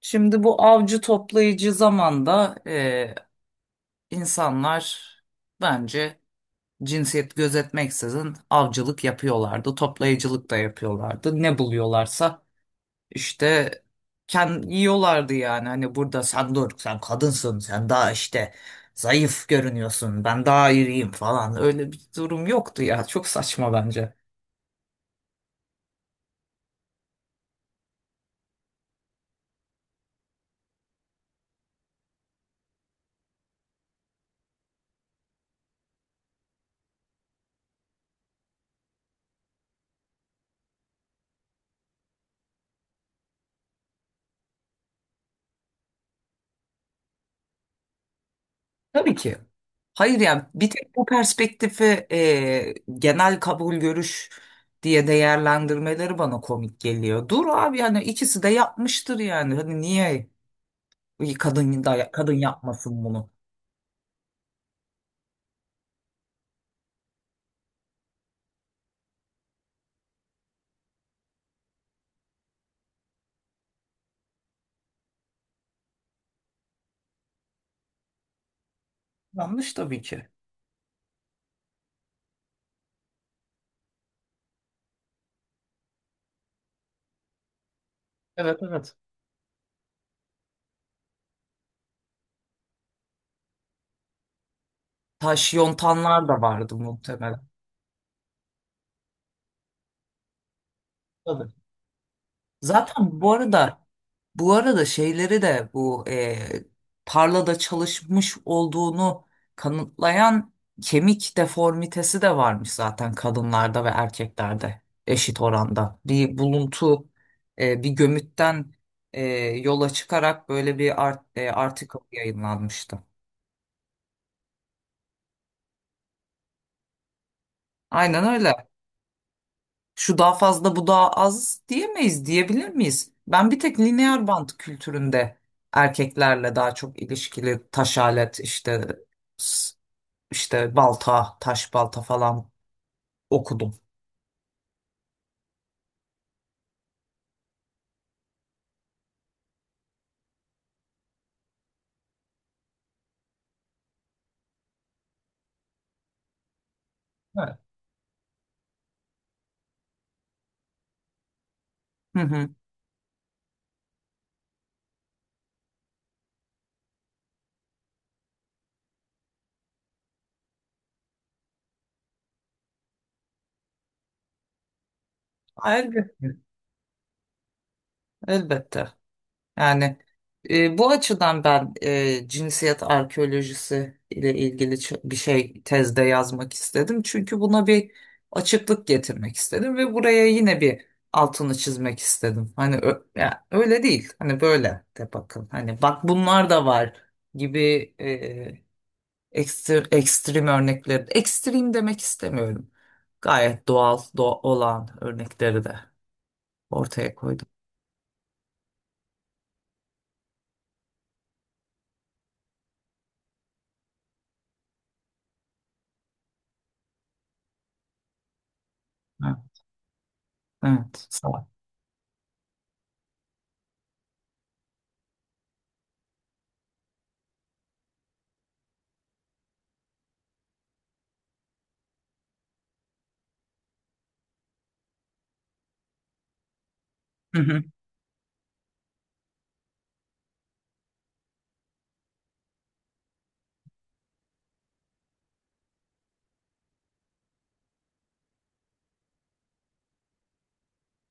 Şimdi bu avcı toplayıcı zamanda insanlar bence cinsiyet gözetmeksizin avcılık yapıyorlardı, toplayıcılık da yapıyorlardı. Ne buluyorlarsa işte kendi yiyorlardı yani. Hani burada sen dur, sen kadınsın, sen daha işte zayıf görünüyorsun, ben daha iriyim falan. Öyle bir durum yoktu ya. Çok saçma bence. Tabii ki. Hayır yani bir tek bu perspektifi e, genel kabul görüş diye değerlendirmeleri bana komik geliyor. Dur abi yani ikisi de yapmıştır yani. Hani niye kadın da kadın yapmasın bunu? Yanlış tabii ki. Evet evet. Taş yontanlar da vardı muhtemelen. Tabii. Zaten bu arada bu arada şeyleri de bu tarlada çalışmış olduğunu kanıtlayan kemik deformitesi de varmış zaten kadınlarda ve erkeklerde eşit oranda. Bir buluntu bir gömütten e, yola çıkarak böyle bir article yayınlanmıştı. Aynen öyle. Şu daha fazla bu daha az diyemeyiz diyebilir miyiz? Ben bir tek lineer bant kültüründe erkeklerle daha çok ilişkili taş alet işte s- işte balta taş balta falan okudum. Evet. Hı hı. Elbette. Elbette. Yani bu açıdan ben cinsiyet arkeolojisi ile ilgili bir şey tezde yazmak istedim. Çünkü buna bir açıklık getirmek istedim ve buraya yine bir altını çizmek istedim. Hani ya, öyle değil. Hani böyle de bakın. Hani bak bunlar da var gibi e, ekstrem, ekstrem örnekleri. Ekstrem demek istemiyorum. Gayet doğal olan örnekleri de ortaya koydum. Ha, evet. Sağ ol.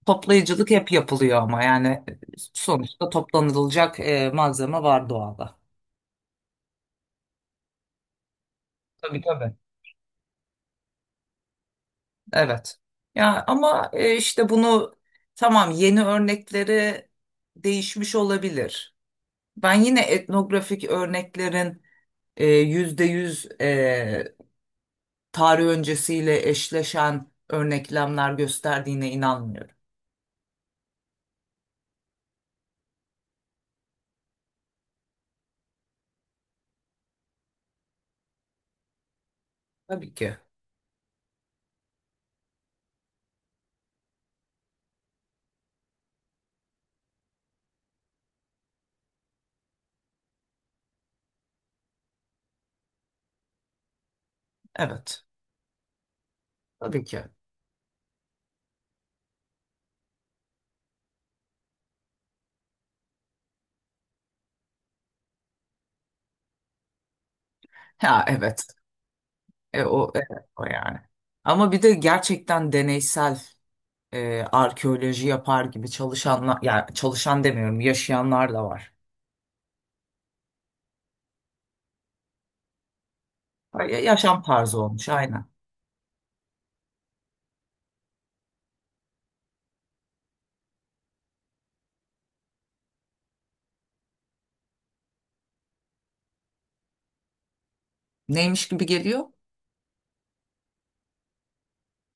Toplayıcılık hep yapılıyor ama yani sonuçta toplanılacak malzeme var doğada. Tabii tabii. Evet. Ya ama işte bunu tamam yeni örnekleri değişmiş olabilir. Ben yine etnografik örneklerin yüzde yüz tarih öncesiyle eşleşen örneklemler gösterdiğine inanmıyorum. Tabii ki. Evet. Tabii ki. Ha evet. O, evet, o yani. Ama bir de gerçekten deneysel arkeoloji yapar gibi çalışanlar, yani çalışan demiyorum, yaşayanlar da var. Yaşam tarzı olmuş aynen. Neymiş gibi geliyor?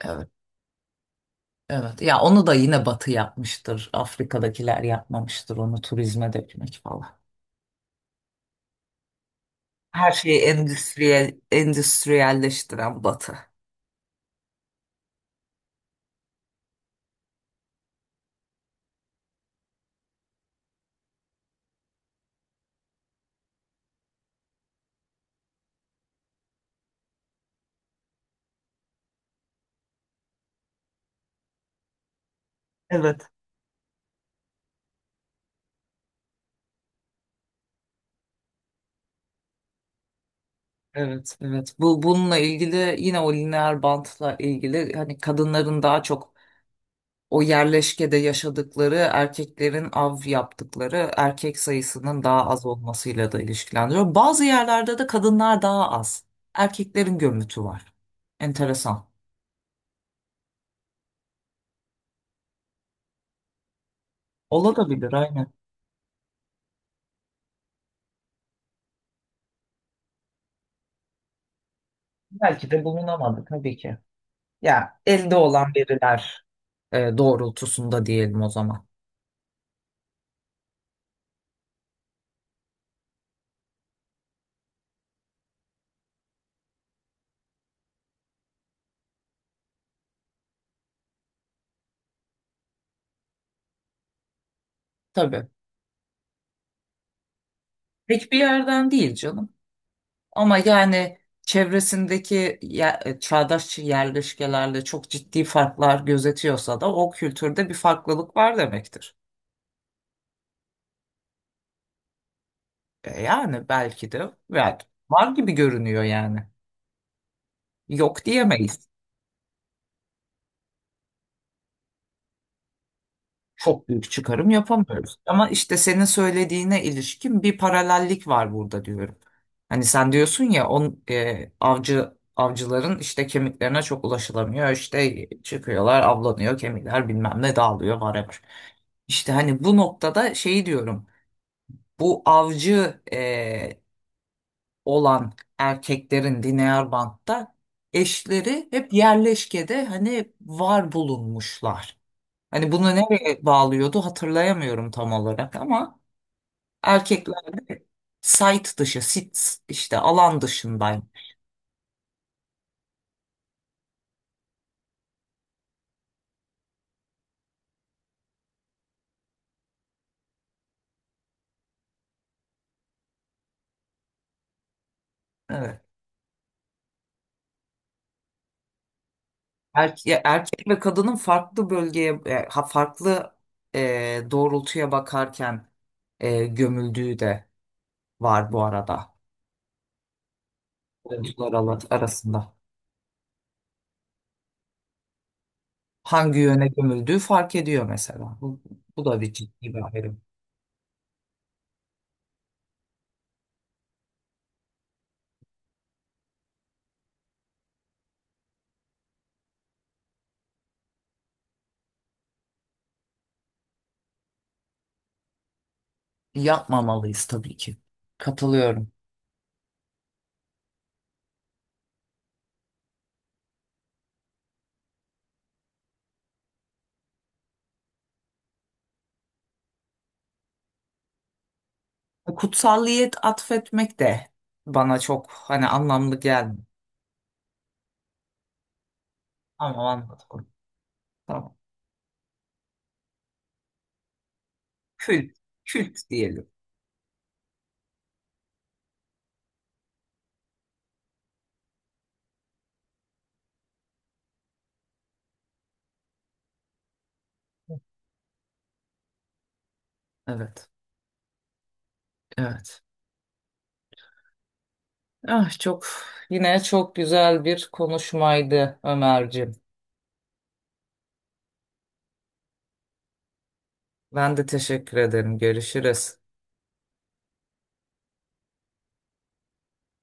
Evet, evet. Ya onu da yine Batı yapmıştır. Afrika'dakiler yapmamıştır onu turizme dökmek falan. Her şeyi endüstriyelleştiren Batı. Evet. Evet, evet. Bu bununla ilgili yine o lineer bantla ilgili hani kadınların daha çok o yerleşkede yaşadıkları erkeklerin av yaptıkları erkek sayısının daha az olmasıyla da ilişkilendiriyor. Bazı yerlerde de kadınlar daha az. Erkeklerin gömütü var. Enteresan. Olabilir aynen. Belki de bulunamadı tabii ki. Ya elde olan veriler doğrultusunda diyelim o zaman. Tabii. Pek bir yerden değil canım. Ama yani çevresindeki çağdaş yerleşkelerle çok ciddi farklar gözetiyorsa da o kültürde bir farklılık var demektir. E yani belki de var, var gibi görünüyor yani. Yok diyemeyiz. Çok büyük çıkarım yapamıyoruz. Ama işte senin söylediğine ilişkin bir paralellik var burada diyorum. Hani sen diyorsun ya on avcıların işte kemiklerine çok ulaşılamıyor. İşte çıkıyorlar, avlanıyor, kemikler bilmem ne dağılıyor whatever. İşte hani bu noktada şeyi diyorum. Bu avcı olan erkeklerin Dinyarbank'ta eşleri hep yerleşkede hani var bulunmuşlar. Hani bunu nereye bağlıyordu hatırlayamıyorum tam olarak ama erkeklerde site dışı, sit işte alan dışındayım. Evet. Erkek ve kadının farklı bölgeye, farklı doğrultuya bakarken gömüldüğü de var bu arada. Oyuncular arasında. Hangi yöne gömüldüğü fark ediyor mesela. Bu da bir ciddi bir ayrım. Yapmamalıyız tabii ki. Katılıyorum. Kutsalliyet atfetmek de bana çok hani anlamlı gelmiyor. Ama anladım. Tamam. Kült, kült diyelim. Evet, evet. Ah çok yine çok güzel bir konuşmaydı Ömerciğim. Ben de teşekkür ederim. Görüşürüz.